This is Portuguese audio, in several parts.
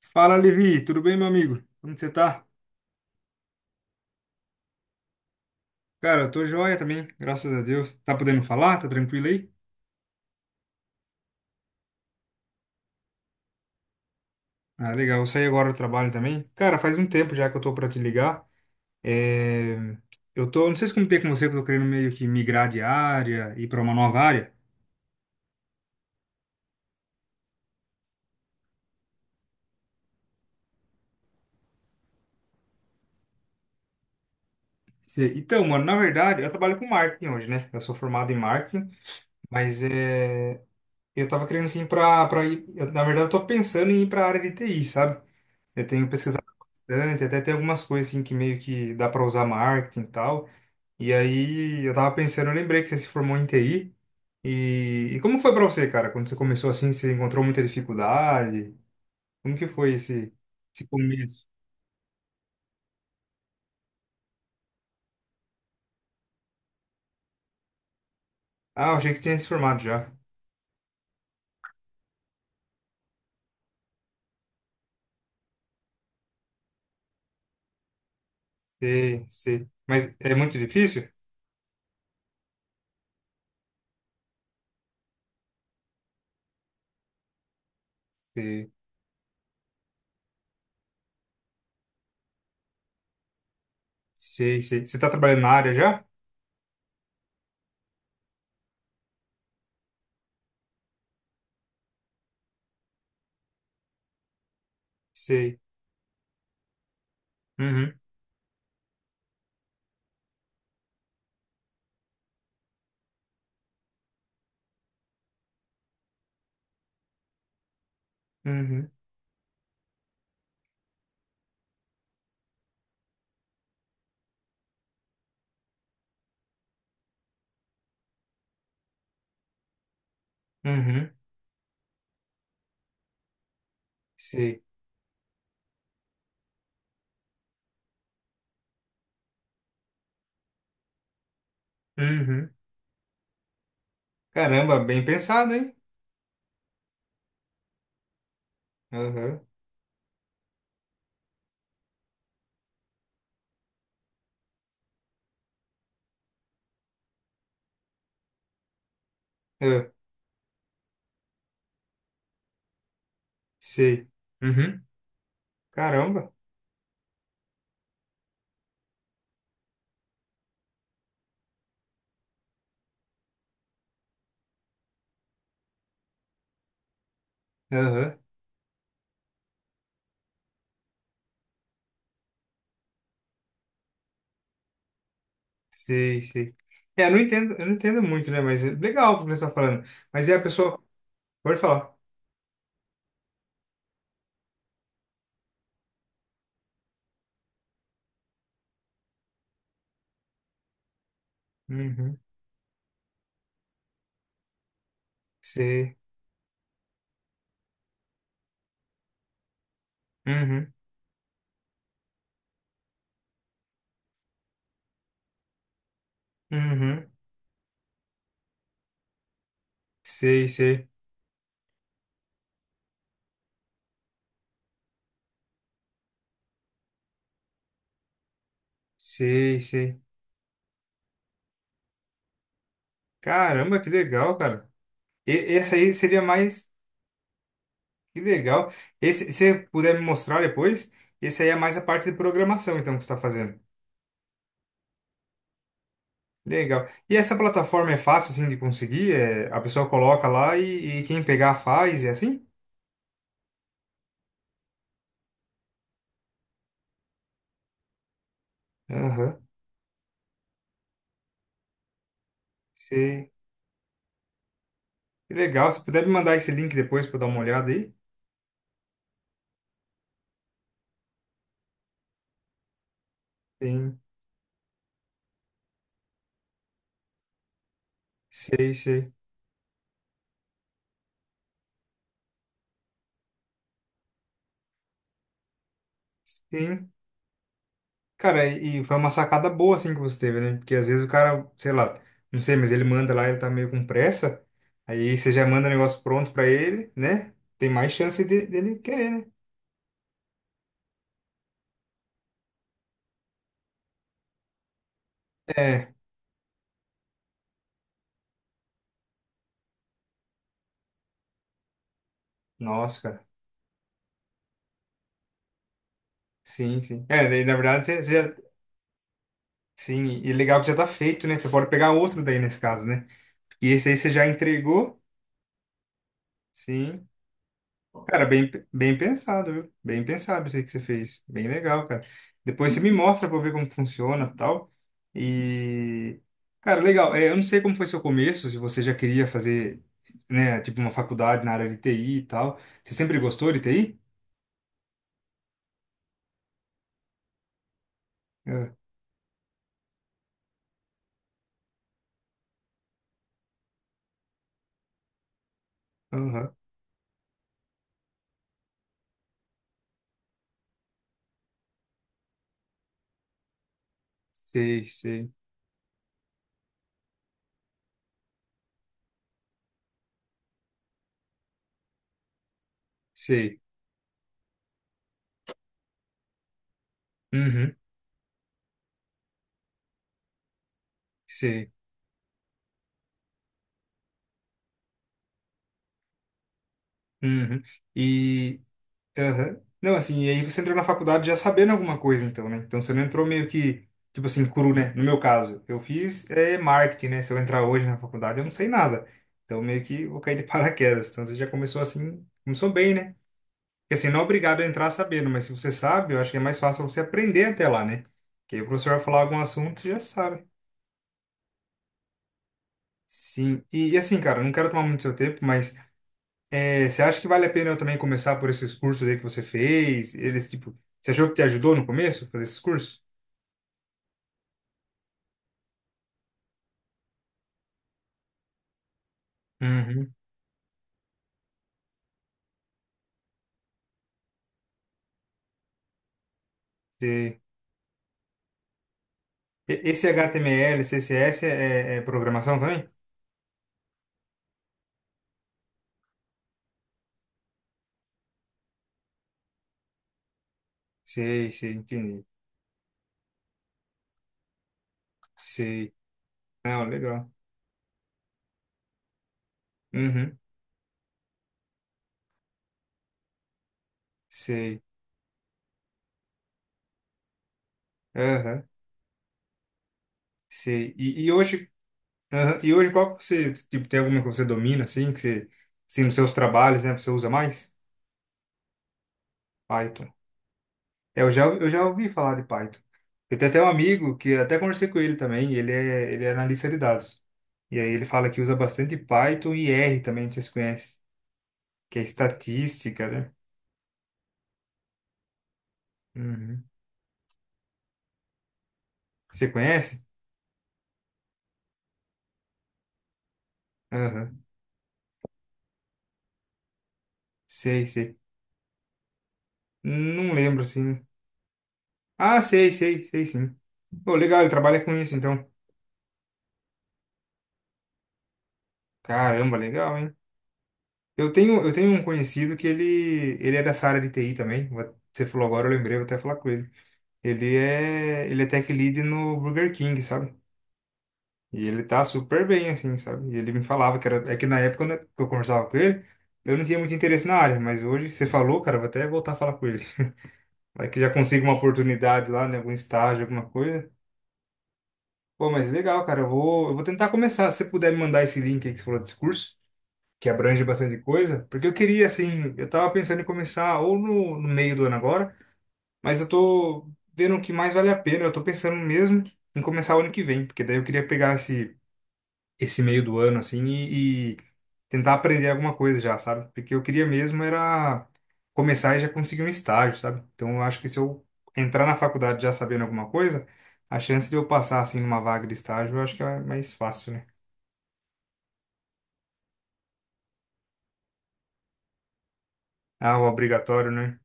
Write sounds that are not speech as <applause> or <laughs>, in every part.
Fala, Levi, tudo bem, meu amigo? Como que você tá? Cara, eu tô joia também, graças a Deus. Tá podendo falar? Tá tranquilo aí? Ah, legal, eu saí agora do trabalho também. Cara, faz um tempo já que eu tô pra te ligar. É, eu tô, não sei se comentei com você que eu tô querendo meio que migrar de área, ir pra uma nova área. Então, mano, na verdade, eu trabalho com marketing hoje, né? Eu sou formado em marketing, mas eu tava querendo assim pra ir. Eu, na verdade, eu tô pensando em ir pra área de TI, sabe? Eu tenho pesquisado bastante, até tem algumas coisas assim que meio que dá para usar marketing e tal. E aí eu tava pensando, eu lembrei que você se formou em TI. E como foi para você, cara? Quando você começou assim, você encontrou muita dificuldade? Como que foi esse começo? Ah, eu achei que você tinha se formado já. Sei, sei. Mas é muito difícil? Sei, sei, sei. Você tá trabalhando na área já? Sei. Uhum, uhum, uhum. Sei. Uhum. Caramba, bem pensado, hein? Aham. Ah, sei. Uhum. Caramba. Aham. Sei, sei. É, eu não entendo muito, né? Mas é legal o professor falando. Mas é a pessoa. Pode falar. Uhum. Sei. Uhum. Uhum. Sei, sei. Sei, sei. Caramba, que legal, cara. E essa aí seria mais. Que legal. Esse, se você puder me mostrar depois, esse aí é mais a parte de programação, então, que você está fazendo. Legal. E essa plataforma é fácil, assim, de conseguir? É, a pessoa coloca lá e quem pegar faz, é assim? Aham. Sei. Que legal. Se puder me mandar esse link depois para dar uma olhada aí. Sim, sei, sei. Sim. Cara, e foi uma sacada boa assim que você teve, né? Porque às vezes o cara, sei lá, não sei, mas ele manda lá, ele tá meio com pressa. Aí você já manda o negócio pronto pra ele, né? Tem mais chance dele querer, né? É, nossa, cara. Sim, sim. É, daí, na verdade, você já. Sim, e legal que já tá feito, né? Você pode pegar outro daí nesse caso, né? E esse aí você já entregou. Sim. Cara, bem, bem pensado, viu? Bem pensado isso aí que você fez. Bem legal, cara. Depois você me mostra pra eu ver como funciona e tal. E, cara, legal. É, eu não sei como foi seu começo, se você já queria fazer, né, tipo uma faculdade na área de TI e tal. Você sempre gostou de TI? Ah, aham. Sei, sei, sei. Uhum, sei. Uhum. E, aham. Não, assim, e aí você entrou na faculdade já sabendo alguma coisa, então, né? Então você não entrou meio que, tipo assim, cru, né? No meu caso, eu fiz é, marketing, né? Se eu entrar hoje na faculdade, eu não sei nada. Então meio que vou cair de <laughs> paraquedas. Então você já começou assim, começou bem, né? Porque assim, não é obrigado a entrar sabendo, mas se você sabe, eu acho que é mais fácil você aprender até lá, né? Que aí o professor vai falar algum assunto, você já sabe. Sim, e assim, cara, não quero tomar muito seu tempo, mas é, você acha que vale a pena eu também começar por esses cursos aí que você fez? Eles, tipo, você achou que te ajudou no começo a fazer esses cursos? Uhum. Você- Esse HTML, CSS é programação também? Sei, sei, entendi. Sei. Não, legal. Uhum. Sei. Aham. Sei. E hoje, aham. E hoje qual que você, tipo, tem alguma que você domina, assim, que você, assim, nos seus trabalhos, né, você usa mais? Python. É, eu já ouvi falar de Python. Eu tenho até um amigo que até conversei com ele também, ele é analista de dados. E aí ele fala que usa bastante Python e R também, não sei se você conhece, que é estatística, né? Uhum. Você conhece? Aham. Sei, sei. Não lembro, assim. Ah, sei, sei, sei sim. Pô, legal, ele trabalha com isso, então. Caramba, legal, hein? Eu tenho um conhecido que ele é dessa área de TI também. Você falou agora, eu lembrei, vou até falar com ele. Ele é tech lead no Burger King, sabe? E ele tá super bem, assim, sabe? E ele me falava que era, é que na época né, que eu conversava com ele, eu não tinha muito interesse na área, mas hoje você falou, cara, eu vou até voltar a falar com ele. <laughs> Vai que já consigo uma oportunidade lá, né? Algum estágio, alguma coisa. Pô, mas legal, cara. Eu vou tentar começar. Se você puder me mandar esse link aí que você falou desse curso, que abrange bastante coisa, porque eu queria, assim, eu tava pensando em começar ou no meio do ano agora, mas eu tô vendo o que mais vale a pena, eu tô pensando mesmo em começar o ano que vem, porque daí eu queria pegar esse, esse meio do ano, assim, e tentar aprender alguma coisa já, sabe? Porque eu queria mesmo era começar e já conseguir um estágio, sabe? Então eu acho que se eu entrar na faculdade já sabendo alguma coisa, a chance de eu passar, assim, numa vaga de estágio, eu acho que é mais fácil, né? Ah, o obrigatório, né?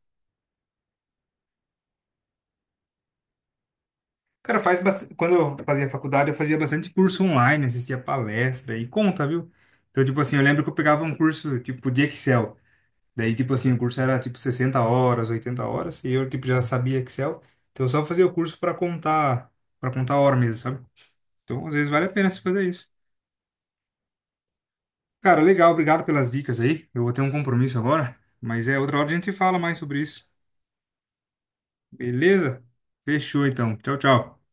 Cara, quando eu fazia faculdade, eu fazia bastante curso online, assistia palestra e conta, viu? Então, tipo assim, eu lembro que eu pegava um curso, tipo, de Excel. Daí, tipo assim, o curso era, tipo, 60 horas, 80 horas, e eu, tipo, já sabia Excel. Então, eu só fazia o curso para contar hora mesmo, sabe? Então, às vezes, vale a pena se fazer isso. Cara, legal, obrigado pelas dicas aí. Eu vou ter um compromisso agora, mas é outra hora a gente fala mais sobre isso. Beleza? Fechou, então. Tchau, tchau.